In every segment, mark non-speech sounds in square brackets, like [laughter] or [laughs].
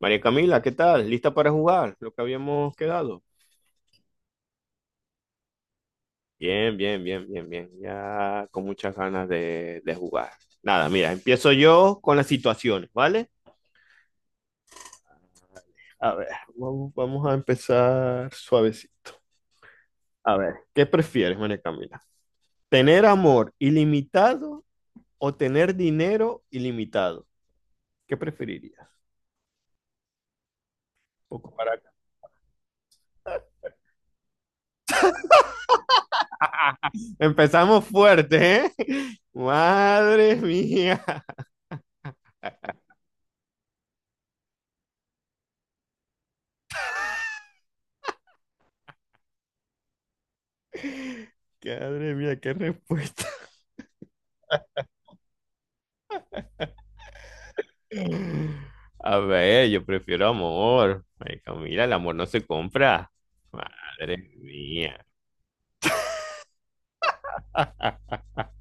María Camila, ¿qué tal? ¿Lista para jugar? Lo que habíamos quedado. Bien, bien, bien, bien, bien. Ya con muchas ganas de jugar. Nada, mira, empiezo yo con las situaciones, ¿vale? A ver, vamos a empezar suavecito. A ver, ¿qué prefieres, María Camila? ¿Tener amor ilimitado o tener dinero ilimitado? ¿Qué preferirías? Un poco para acá. Empezamos fuerte, ¿eh? [laughs] Madre mía. [laughs] Madre mía, qué respuesta. [clears throat] A ver, yo prefiero amor. Ay, Camila, el amor no se compra. Madre mía.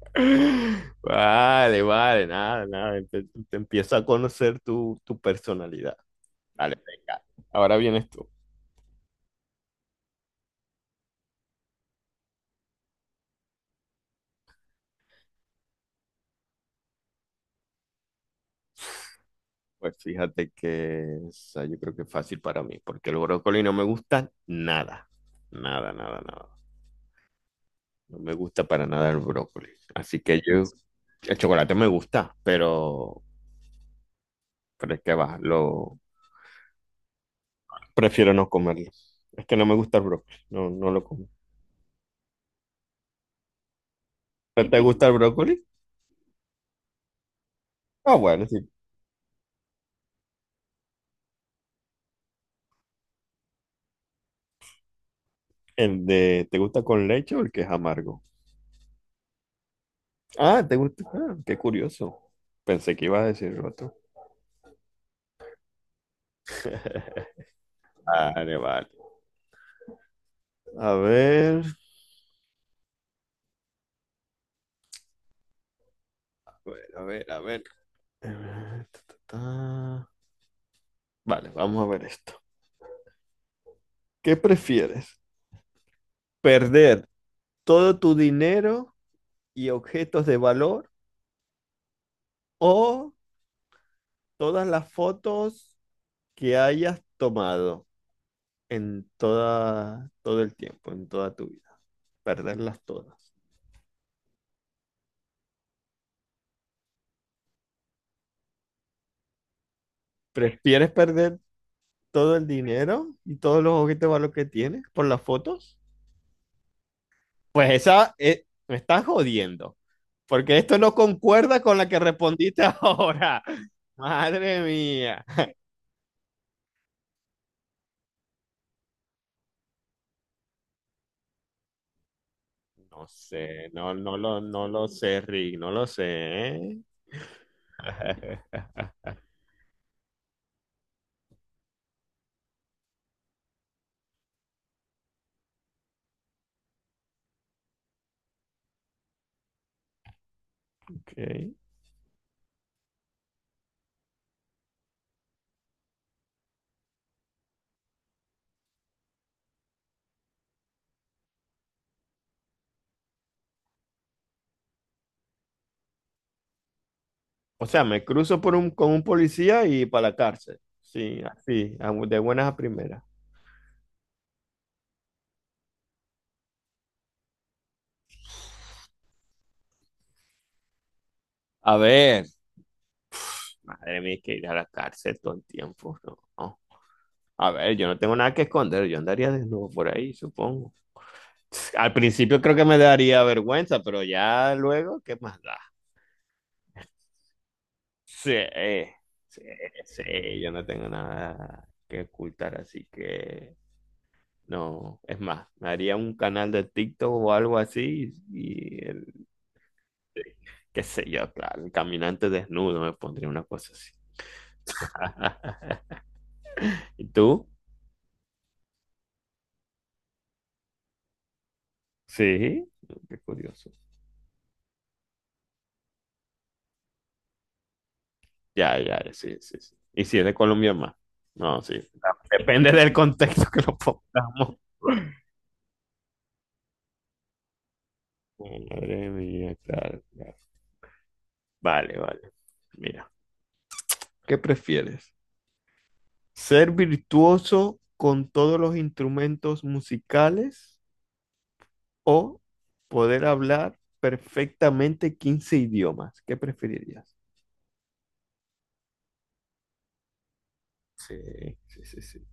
[clears throat] Vale, vale, nada, nada. Te empiezo a conocer tu personalidad. Vale, venga. Ahora vienes tú. Pues fíjate que esa yo creo que es fácil para mí, porque el brócoli no me gusta nada. Nada, nada, nada. No me gusta para nada el brócoli. Así que yo, el chocolate me gusta, pero es que va, prefiero no comerlo. Es que no me gusta el brócoli. No, no lo como. ¿No ¿Te gusta el brócoli? Ah, bueno, sí. ¿Te gusta con leche o el que es amargo? Ah, te gusta. Ah, qué curioso. Pensé que ibas a decir otro. Vale, vale. A ver. A ver, a ver, a ver. Ta, ta, ta. Vale, vamos a ver esto. ¿Qué prefieres? ¿Perder todo tu dinero y objetos de valor, o todas las fotos que hayas tomado todo el tiempo, en toda tu vida? Perderlas todas. ¿Prefieres perder todo el dinero y todos los objetos de valor que tienes por las fotos? Pues esa, me estás jodiendo, porque esto no concuerda con la que respondiste [laughs] ahora. Madre mía. No sé, no, no lo sé, Rick, no lo sé, ¿eh? [laughs] Ok. O sea, me cruzo con un policía y para la cárcel. Sí, así, de buenas a primeras. A ver, madre mía, hay que ir a la cárcel todo el tiempo, no, no. A ver, yo no tengo nada que esconder, yo andaría desnudo por ahí, supongo. Al principio creo que me daría vergüenza, pero ya luego, ¿qué más da? Sí, sí, sí, yo no tengo nada que ocultar, así que no, es más, me haría un canal de TikTok o algo así qué sé yo, claro, el caminante desnudo me pondría una cosa así. [laughs] ¿Y tú? Sí, oh, qué curioso. Ya, ya, ya, sí, sí, sí. Y si es de Colombia más. No, sí. Depende del contexto que lo pongamos. Madre mía, claro, claro. Vale, vale. Mira, ¿qué prefieres? ¿Ser virtuoso con todos los instrumentos musicales o poder hablar perfectamente 15 idiomas? ¿Qué preferirías? Sí, sí, sí, sí.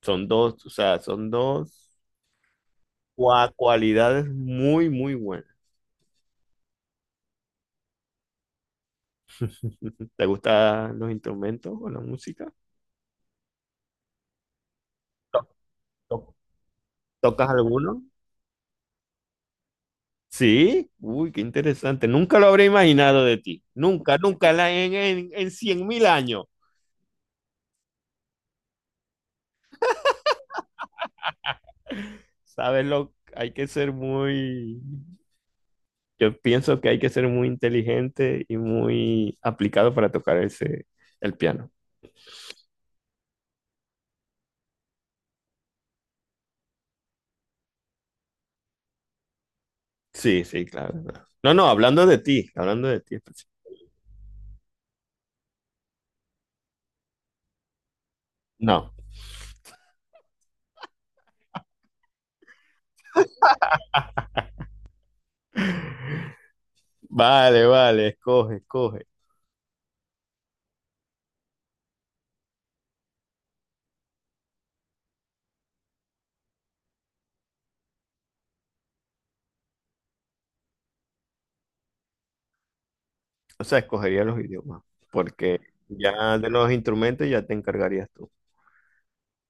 Son dos, o sea, son dos cualidades muy, muy buenas. ¿Te gustan los instrumentos o la música? ¿To- to- ¿Tocas alguno? Sí, uy, qué interesante. Nunca lo habría imaginado de ti. Nunca, nunca en, la- en cien mil años. Sabes lo, hay que ser muy, yo pienso que hay que ser muy inteligente y muy aplicado para tocar el piano. Sí, sí, claro, claro. No, no, hablando de ti, hablando de ti, no. [laughs] Vale, vale, escoge, escoge. O sea, escogería los idiomas, porque ya de los instrumentos ya te encargarías tú.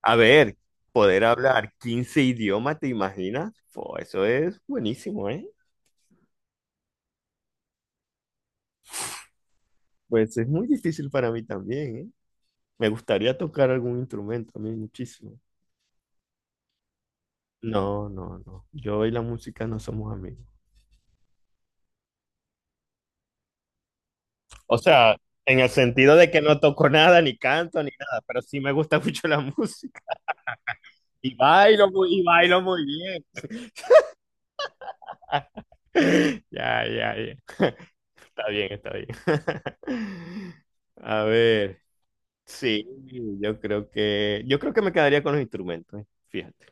A ver, poder hablar 15 idiomas, ¿te imaginas? Fo, eso es buenísimo, ¿eh? Pues es muy difícil para mí también, ¿eh? Me gustaría tocar algún instrumento a mí muchísimo. No, no, no. Yo y la música no somos amigos. O sea, en el sentido de que no toco nada, ni canto, ni nada, pero sí me gusta [laughs] mucho la música. Y bailo muy bien. [laughs] Ya, ya, ya. Está bien, está bien. [laughs] A ver, sí, yo creo que me quedaría con los instrumentos, ¿eh? Fíjate.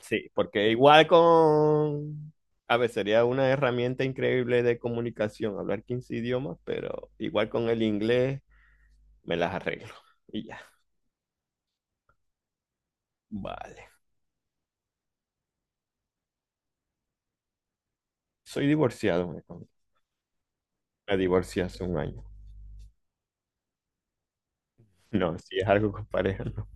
Sí, porque igual con, a ver, sería una herramienta increíble de comunicación, hablar 15 idiomas, pero igual con el inglés me las arreglo y ya. Vale. Soy divorciado, me divorcié hace un año. No, si es algo con pareja, no. O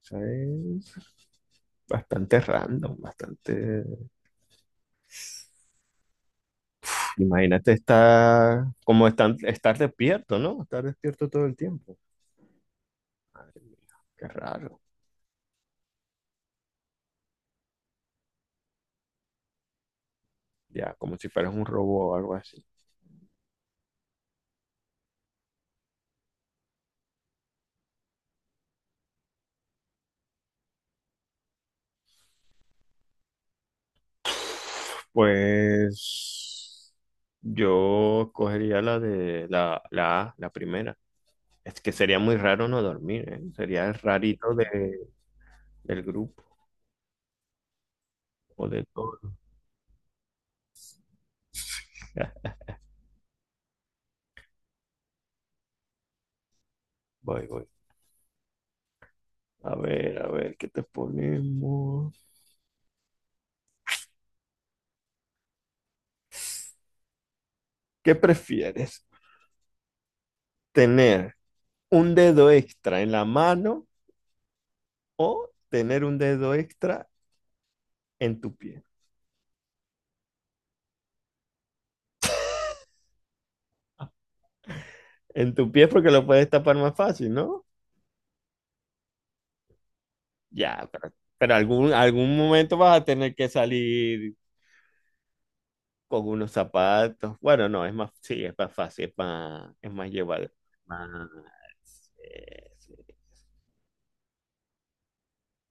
sea, es bastante random, bastante imagínate estar estar despierto, ¿no? Estar despierto todo el tiempo. Madre mía, qué raro. Ya, como si fueras un robot o algo así. Pues yo cogería la la A, la primera. Es que sería muy raro no dormir, ¿eh? Sería el rarito del grupo o de todo. [laughs] Voy, voy. A ver, ¿qué te ponemos? ¿Qué prefieres? ¿Tener un dedo extra en la mano o tener un dedo extra en tu pie? En tu pie, porque lo puedes tapar más fácil, ¿no? Ya, pero, algún momento vas a tener que salir con unos zapatos. Bueno, no, es más, sí, es más fácil, es más llevadero. Más, sí, sí,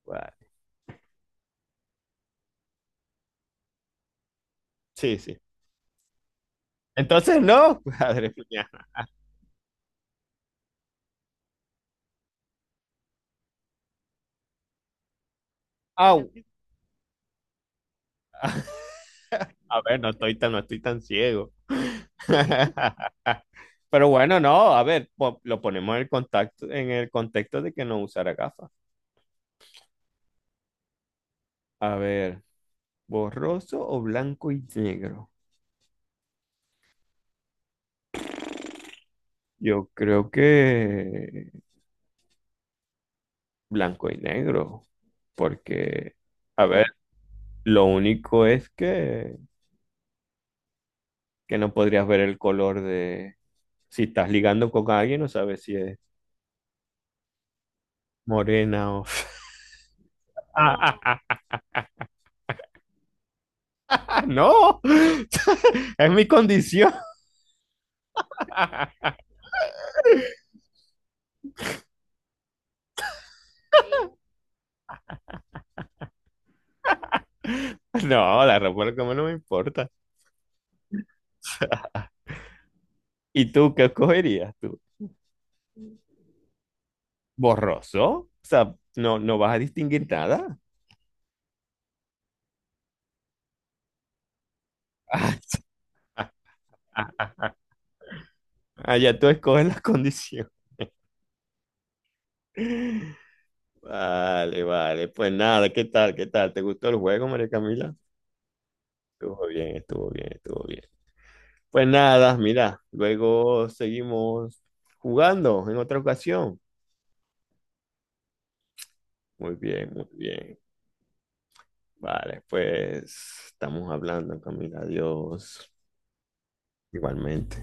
guay. Sí, sí. Entonces, no, [laughs] madre mía. Au. [laughs] A ver, no estoy tan ciego. [laughs] Pero bueno, no, a ver, lo ponemos en el contexto de que no usara gafas. A ver, borroso o blanco y negro. Yo creo que blanco y negro, porque, a ver, lo único es que no podrías ver el color de, si estás ligando con alguien, no sabes si es morena o [laughs] ah, no, [laughs] es mi condición. [laughs] No, la ropa como no me importa. ¿Y tú qué escogerías tú? ¿Borroso? O sea, no, no vas a distinguir nada. Ah, [laughs] allá tú escoges las condiciones. [laughs] Vale, vale. Pues nada, ¿qué tal? ¿Qué tal? ¿Te gustó el juego, María Camila? Estuvo bien, estuvo bien, estuvo bien. Pues nada, mira, luego seguimos jugando en otra ocasión. Muy bien, muy bien. Vale, pues estamos hablando, Camila. Adiós. Igualmente.